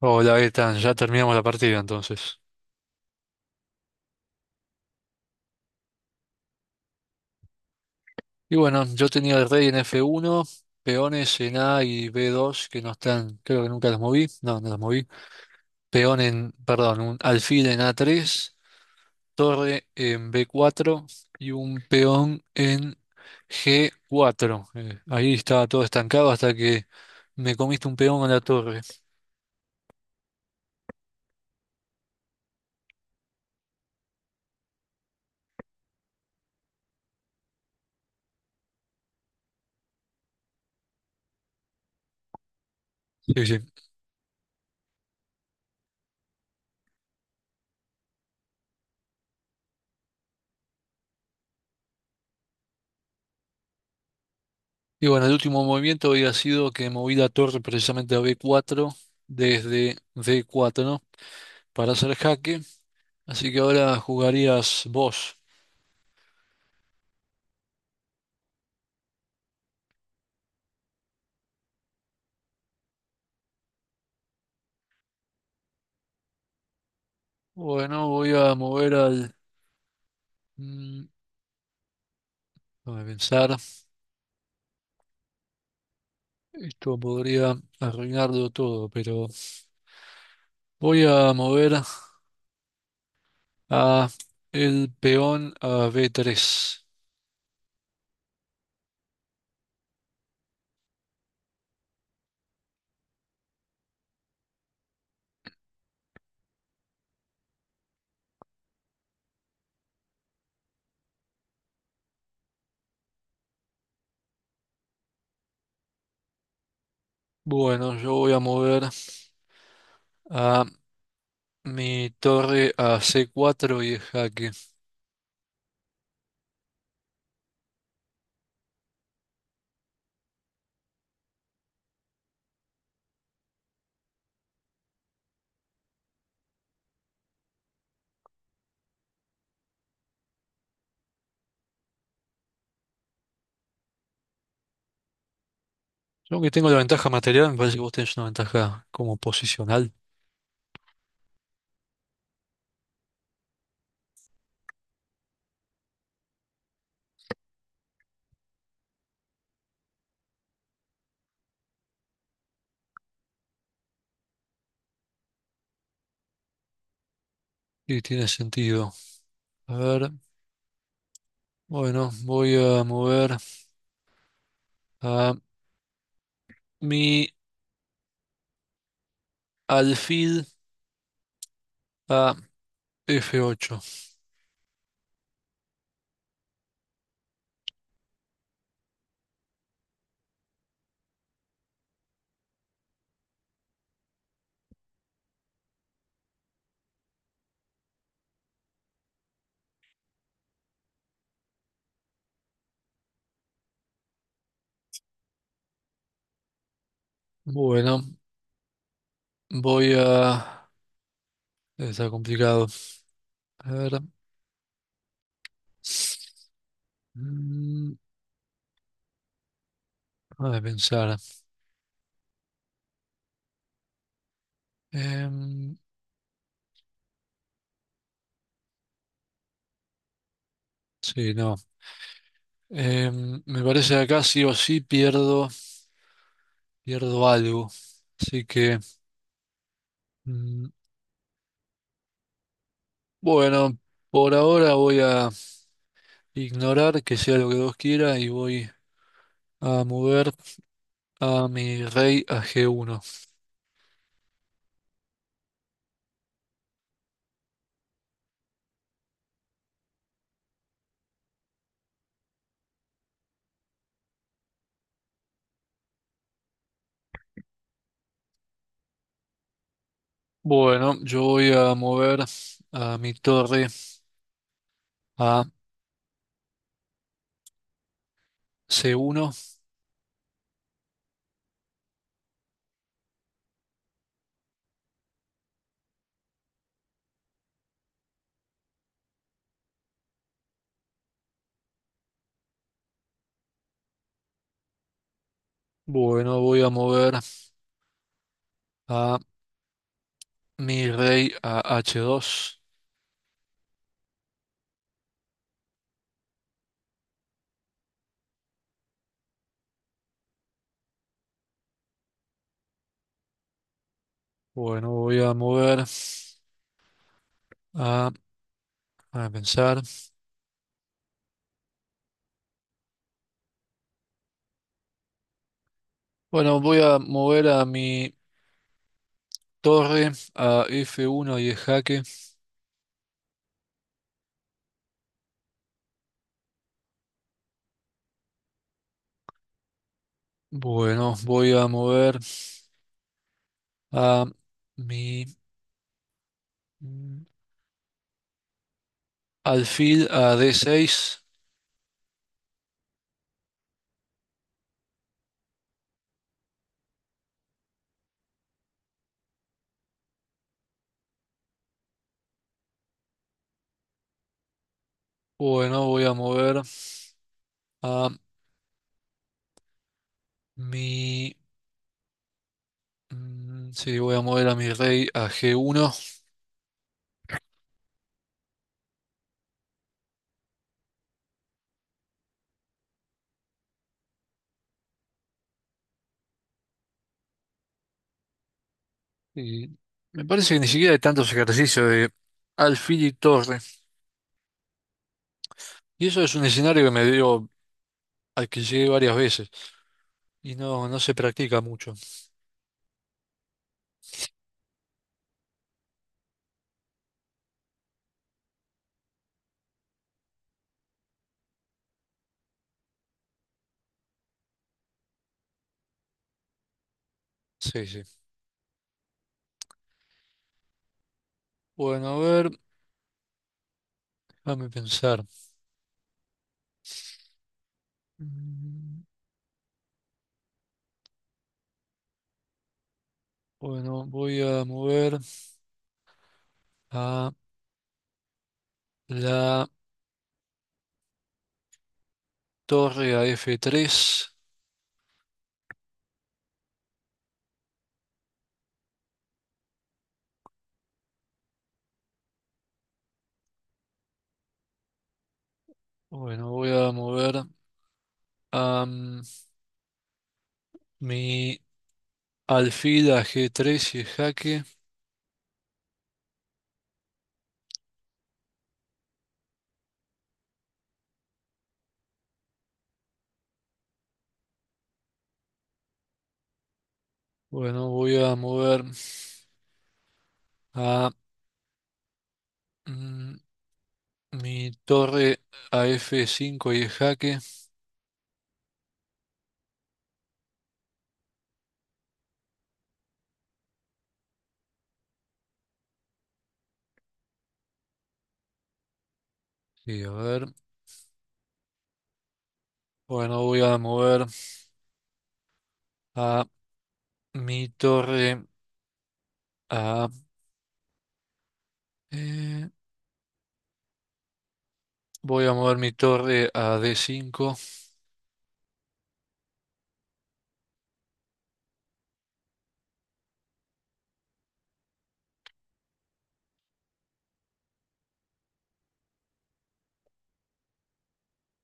Hola, Gaetan, ya terminamos la partida entonces. Y bueno, yo tenía el rey en F1, peones en A y B2 que no están, creo que nunca los moví, no los moví. Peón en, perdón, un alfil en A3, torre en B4 y un peón en G4. Ahí estaba todo estancado hasta que me comiste un peón a la torre. Sí, sí. Y bueno, el último movimiento había sido que moví la torre precisamente a B4 desde D4, ¿no? Para hacer jaque. Así que ahora jugarías vos. Bueno, voy a mover al... mm, déjame pensar. Esto podría arruinarlo todo, pero voy a mover a el peón a B3. Bueno, yo voy a mover a mi torre a C4 y jaque. Yo que tengo la ventaja material, me parece que vos tenés una ventaja como posicional. Y tiene sentido. A ver, bueno, voy a mover a mi alfil. Ah, F8. Bueno, voy a... Debe estar complicado. A ver. Mm, a pensar. Em, sí, no. Me parece que acá sí o sí pierdo, pierdo algo. Así que, mm, bueno, por ahora voy a ignorar que sea lo que Dios quiera y voy a mover a mi rey a G1. Bueno, yo voy a mover a mi torre a C1. Bueno, voy a mover a mi rey a H2. Bueno, voy a mover a, a pensar. Bueno, voy a mover a mi torre a F1 y es jaque. Bueno, voy a mover a mi mm, alfil a D6. Bueno, voy a mover a mi... sí, voy a mover a mi rey a G1. Y me parece que ni siquiera hay tantos ejercicios de alfil y torre. Y eso es un escenario que me dio, al que llegué varias veces y no se practica mucho. Sí, sí. Bueno, a ver, déjame pensar. Mm, Bueno, voy a mover a la torre a F3. Bueno, voy a mover a mi alfil a G3 y es jaque. Bueno, voy a mover a mm, mi torre a F5 y es jaque. Sí, a ver. Bueno, voy a mover. A Mi torre a... eh, voy a mover mi torre a D5.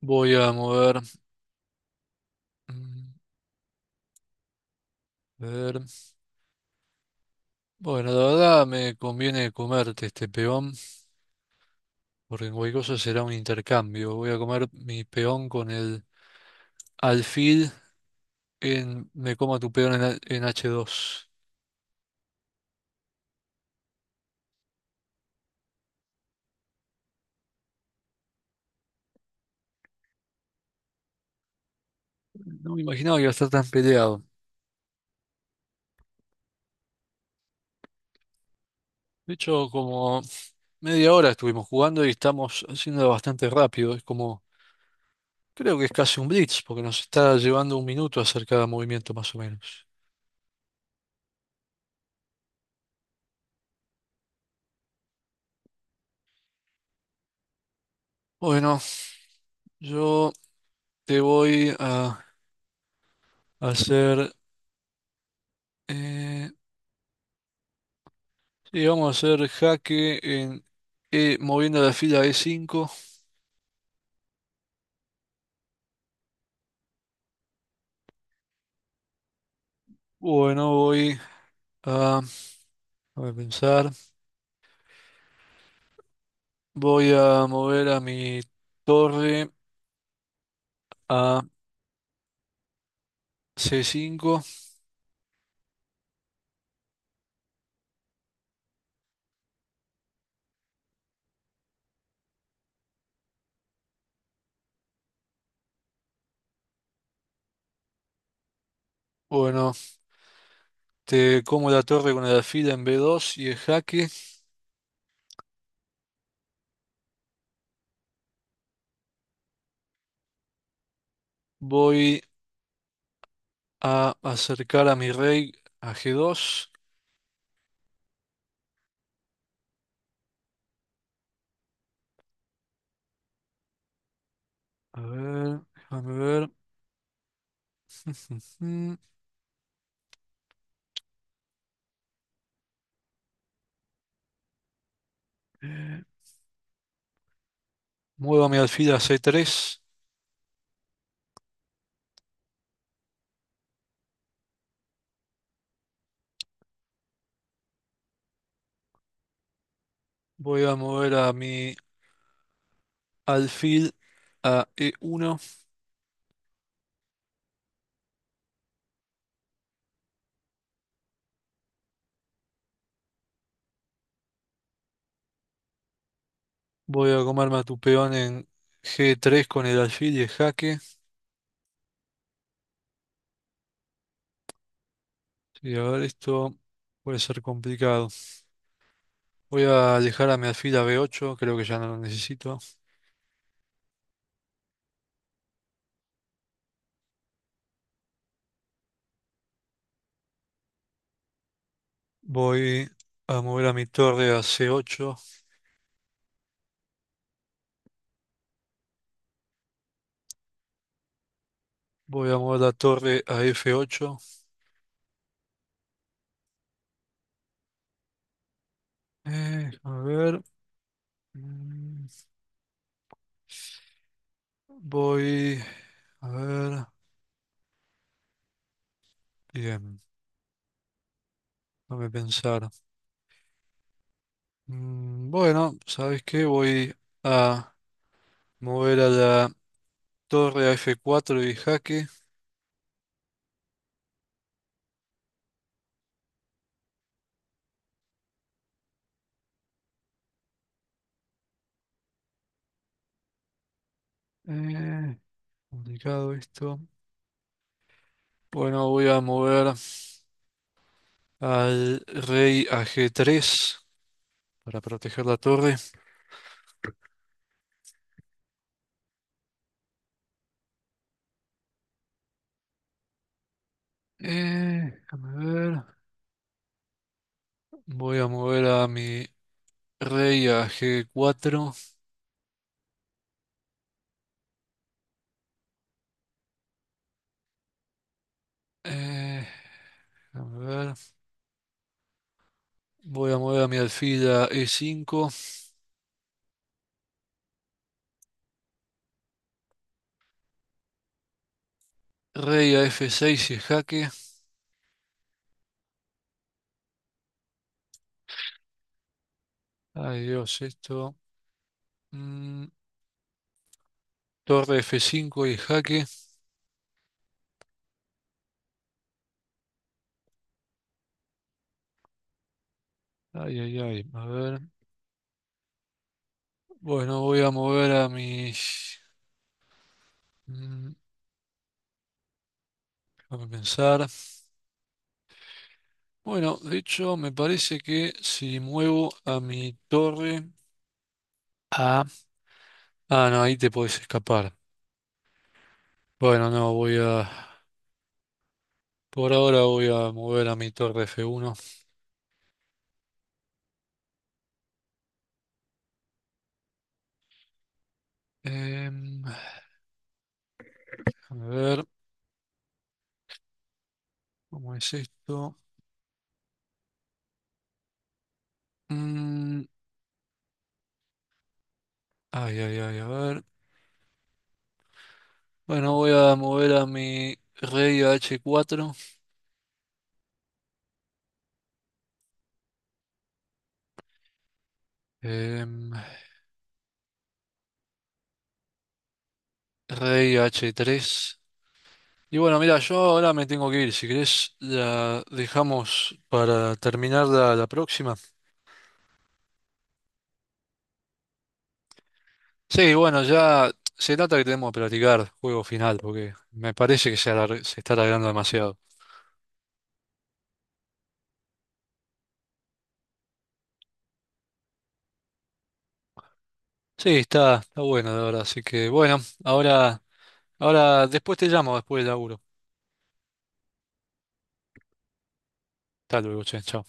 Voy a mover... mm, a ver. Bueno, la verdad me conviene comerte este peón, porque en cualquier cosa será un intercambio. Voy a comer mi peón con el alfil en... Me coma tu peón en, en H2. No me imaginaba que iba a estar tan peleado. De hecho, como media hora estuvimos jugando y estamos haciendo bastante rápido. Es como... Creo que es casi un blitz, porque nos está llevando un minuto a hacer cada movimiento más o menos. Bueno, yo te voy a hacer... Eh, sí, vamos a hacer jaque en E, moviendo la fila e cinco. Bueno, voy a... Déjame pensar. Voy a mover a mi torre a c cinco. Bueno, te como la torre con la fila en b dos y el jaque. Voy a acercar a mi rey a g dos. A ver, déjame ver. Ujú. Muevo a mi alfil a C3. Voy a mover a mi alfil a E1. Voy a comerme a tu peón en G3 con el alfil y el jaque. Sí, a ver, esto puede ser complicado. Voy a alejar a mi alfil a B8. Creo que ya no lo necesito. Voy a mover a mi torre a C8. Voy a mover la torre a F8. A ver. mm, Voy. A ver. Bien, déjame pensar. Bueno, ¿sabes qué? Voy a mover a la torre a F4 y jaque. Eh, complicado esto. Bueno, voy a mover al rey a G3 para proteger la torre. Déjame ver. Voy a mover a mi rey a G4. Eh, déjame ver. Voy a mover a mi alfil a E5. Rey a F6 y jaque. Ay Dios, esto. Mm, torre F5 y jaque. Ay, ay, ay. A ver. Bueno, voy a mover a mis... Mm, déjame pensar. Bueno, de hecho, me parece que si muevo a mi torre a... Ah, no, ahí te podés escapar. Bueno, no, voy a... Por ahora voy a mover a mi torre F1. Em, déjame ver. ¿Cómo es esto? Mm, ay, ay, ay, a ver. Bueno, voy a mover a mi rey a H4. Rey h tres. Y bueno, mira, yo ahora me tengo que ir. Si querés, la dejamos para terminar la próxima. Sí, bueno, ya se trata que tenemos que platicar juego final, porque me parece que se, se está alargando demasiado. Sí, está, está bueno, la verdad. Así que bueno, ahora, ahora después te llamo, después del laburo. Hasta luego, che, chao.